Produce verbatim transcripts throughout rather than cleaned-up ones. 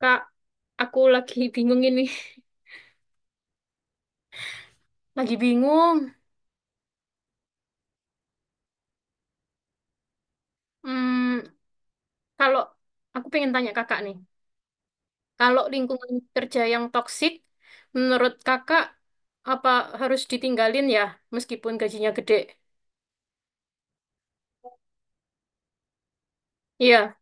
Kak, aku lagi bingung ini. Lagi bingung. Hmm, kalau aku pengen tanya kakak nih, kalau lingkungan kerja yang toksik, menurut kakak apa harus ditinggalin ya, meskipun gajinya gede? Iya.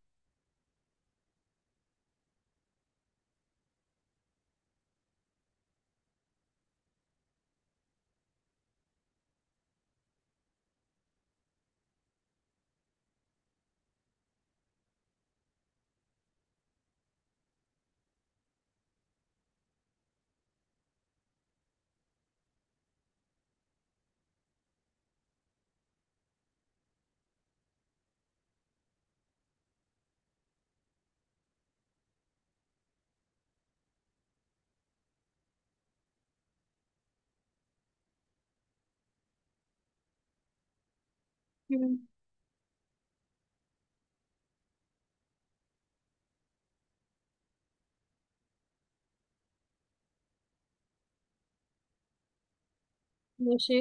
Hmm, iya sih.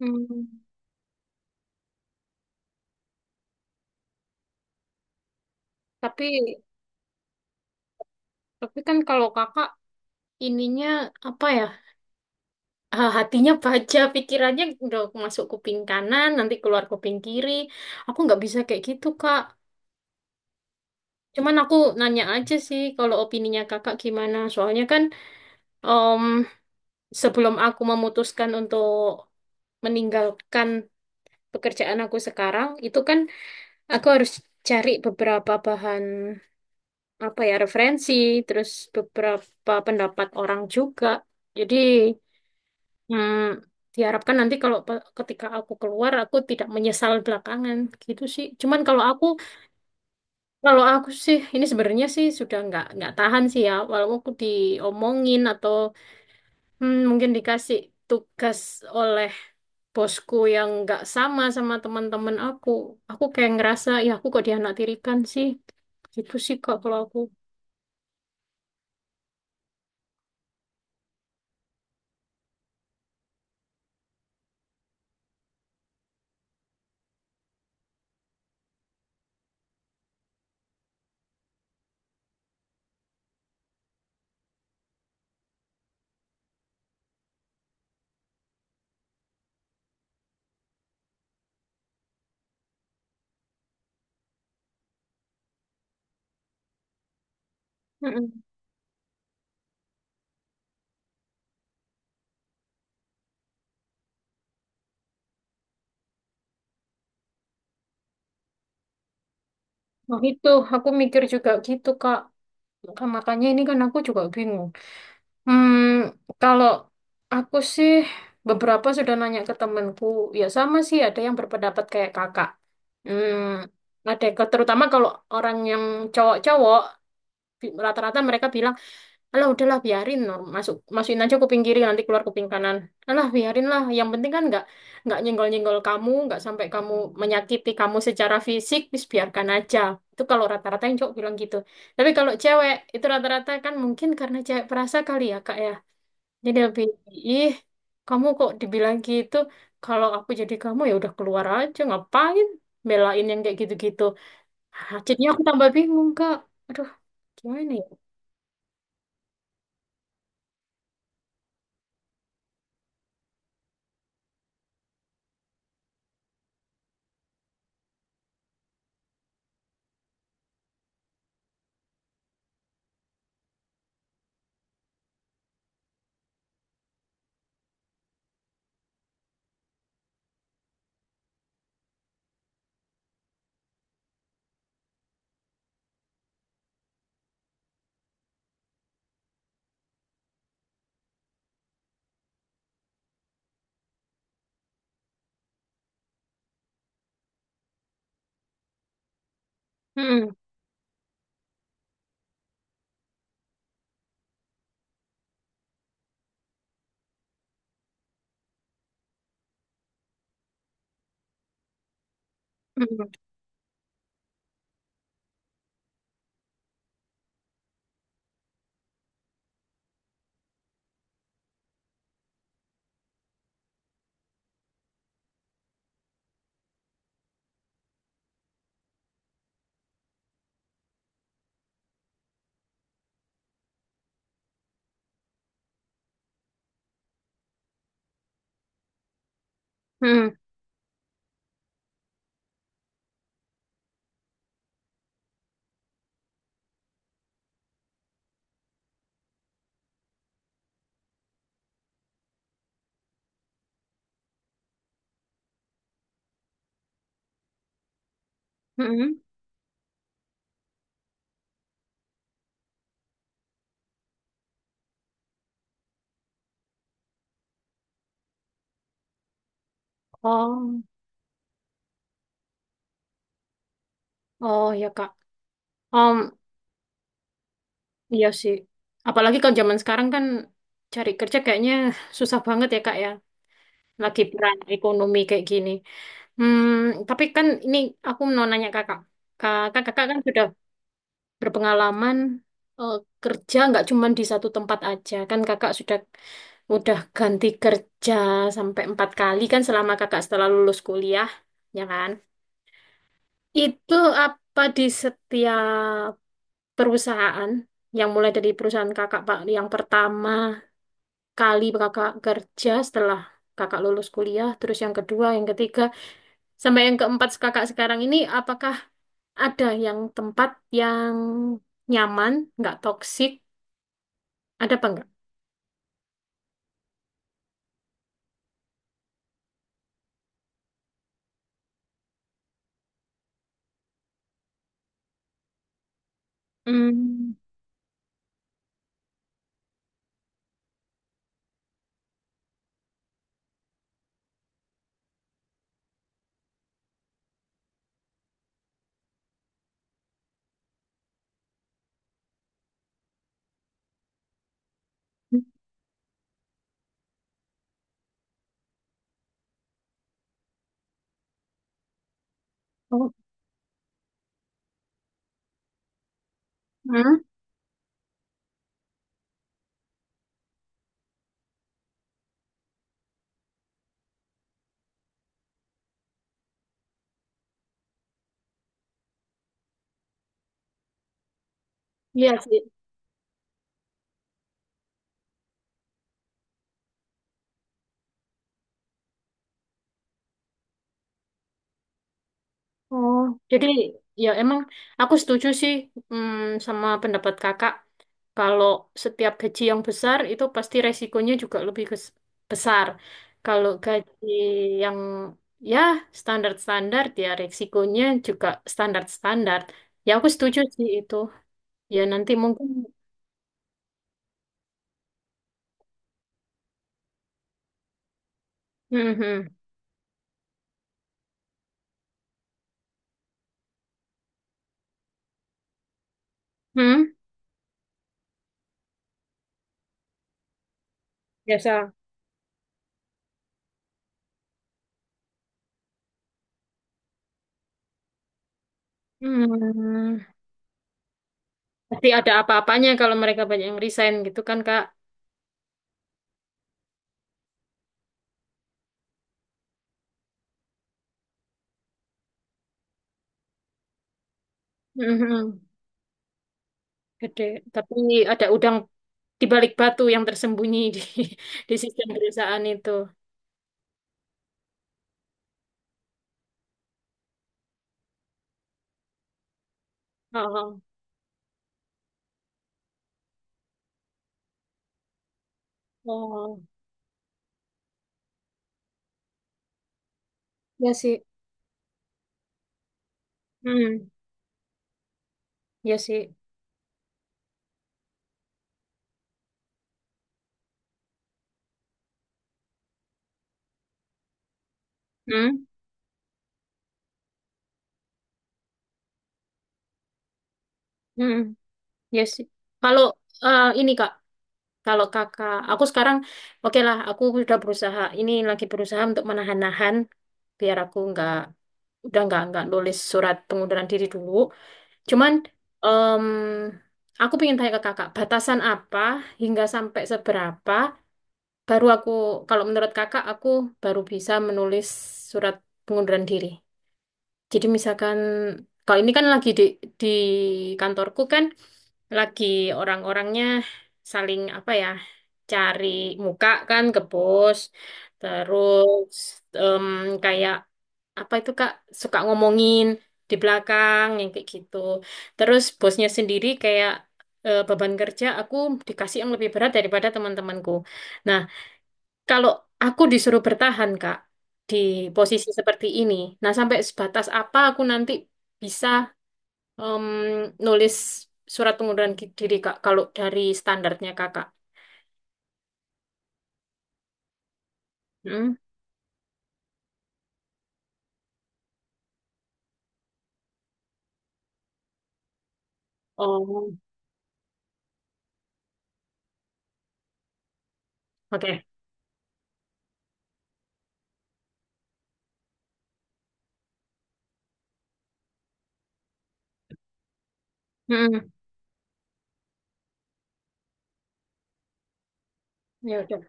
Hmm. Tapi, tapi kan kalau kakak ininya apa ya? ah, Hatinya baja, pikirannya udah masuk kuping kanan, nanti keluar kuping kiri. Aku nggak bisa kayak gitu, Kak. Cuman aku nanya aja sih kalau opininya kakak gimana. Soalnya kan em, sebelum aku memutuskan untuk meninggalkan pekerjaan aku sekarang, itu kan aku harus cari beberapa bahan apa ya referensi, terus beberapa pendapat orang juga. Jadi hmm, diharapkan nanti kalau pe- ketika aku keluar aku tidak menyesal belakangan gitu sih. Cuman kalau aku Kalau aku sih, ini sebenarnya sih sudah nggak nggak tahan sih ya. Walaupun aku diomongin atau hmm, mungkin dikasih tugas oleh bosku yang nggak sama sama teman-teman aku, aku kayak ngerasa ya aku kok dianak tirikan sih. Gitu sih kak kalau aku. Mm-mm. Nah itu aku mikir juga gitu kak. Maka- Makanya ini kan aku juga bingung. Hmm, kalau aku sih beberapa sudah nanya ke temenku, ya sama sih ada yang berpendapat kayak kakak. Hmm, ada ke- terutama kalau orang yang cowok-cowok bi- rata-rata mereka bilang, alah udahlah biarin norm- masuk masukin aja kuping kiri nanti keluar kuping kanan. Alah biarin lah, yang penting kan nggak nggak nyenggol-nyenggol kamu, nggak sampai kamu menyakiti kamu secara fisik, bis biarkan aja. Itu kalau rata-rata yang cowok bilang gitu. Tapi kalau cewek itu rata-rata kan mungkin karena cewek perasa kali ya kak ya. Jadi lebih, ih, kamu kok dibilang gitu, kalau aku jadi kamu ya udah keluar aja, ngapain belain yang kayak gitu-gitu. Ah, jadinya aku tambah bingung, Kak. Aduh, gimana ya? Mm-mm, mm-mm, mm-mm, mm-mm. Oh, oh ya, Kak. Um, iya sih. Apalagi kalau zaman sekarang kan cari kerja kayaknya susah banget ya, Kak ya. Lagi perang ekonomi kayak gini. Hmm, tapi kan ini aku mau nanya Kakak. Kakak, kakak kan sudah berpengalaman eh, kerja nggak cuma di satu tempat aja. Kan kakak sudah udah ganti kerja sampai empat kali kan selama kakak setelah lulus kuliah, ya kan? Itu apa di setiap perusahaan yang mulai dari perusahaan kakak Pak yang pertama kali kakak kerja setelah kakak lulus kuliah, terus yang kedua, yang ketiga, sampai yang keempat kakak sekarang ini, apakah ada yang tempat yang nyaman, nggak toksik, ada apa enggak? Hmm. Oh, hmm? Iya sih. Oh, jadi ya emang aku setuju sih hmm, sama pendapat kakak. Kalau setiap gaji yang besar itu pasti resikonya juga lebih kes- besar. Kalau gaji yang ya standar-standar ya resikonya juga standar-standar. Ya aku setuju sih itu. Ya nanti mungkin. Mhm. Hmm, biasa. Hmm. Pasti ada apa-apanya kalau mereka banyak yang resign gitu kan Kak. Mhm. Gede. Tapi ada udang di balik batu yang tersembunyi di di sistem perusahaan itu. Oh, oh, ya sih. Hmm, ya sih. Hmm, hmm, ya sih. Kalau eh, ini Kak, kalau Kakak, aku sekarang oke lah, aku udah berusaha. Ini lagi berusaha untuk menahan-nahan biar aku nggak udah nggak nggak nulis surat pengunduran diri dulu. Cuman em, aku pengen tanya ke Kakak, batasan apa hingga sampai seberapa? Baru aku, kalau menurut kakak, aku baru bisa menulis surat pengunduran diri. Jadi misalkan, kalau ini kan lagi di, di kantorku kan, lagi orang-orangnya saling apa ya, cari muka kan ke bos, terus em, kayak apa itu Kak suka ngomongin di belakang yang kayak gitu. Terus bosnya sendiri kayak eh, beban kerja aku dikasih yang lebih berat daripada teman-temanku. Nah, kalau aku disuruh bertahan, Kak, di posisi seperti ini, nah sampai sebatas apa aku nanti bisa em, nulis surat pengunduran ki- diri, Kak, kalau dari standarnya Kakak. Hmm? Oh, oke. Hmm, ya udah.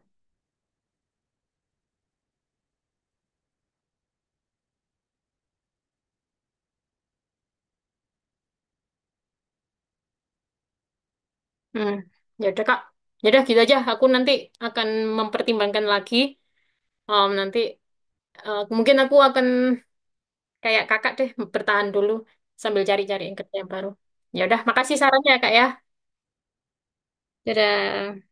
Hmm, ya udah, Kak. Ya udah gitu aja. Aku nanti akan mempertimbangkan lagi. Em, nanti eh, mungkin aku akan kayak Kakak deh bertahan dulu sambil cari-cari kerja yang baru. Ya udah, makasih sarannya, Kak ya. Dadah.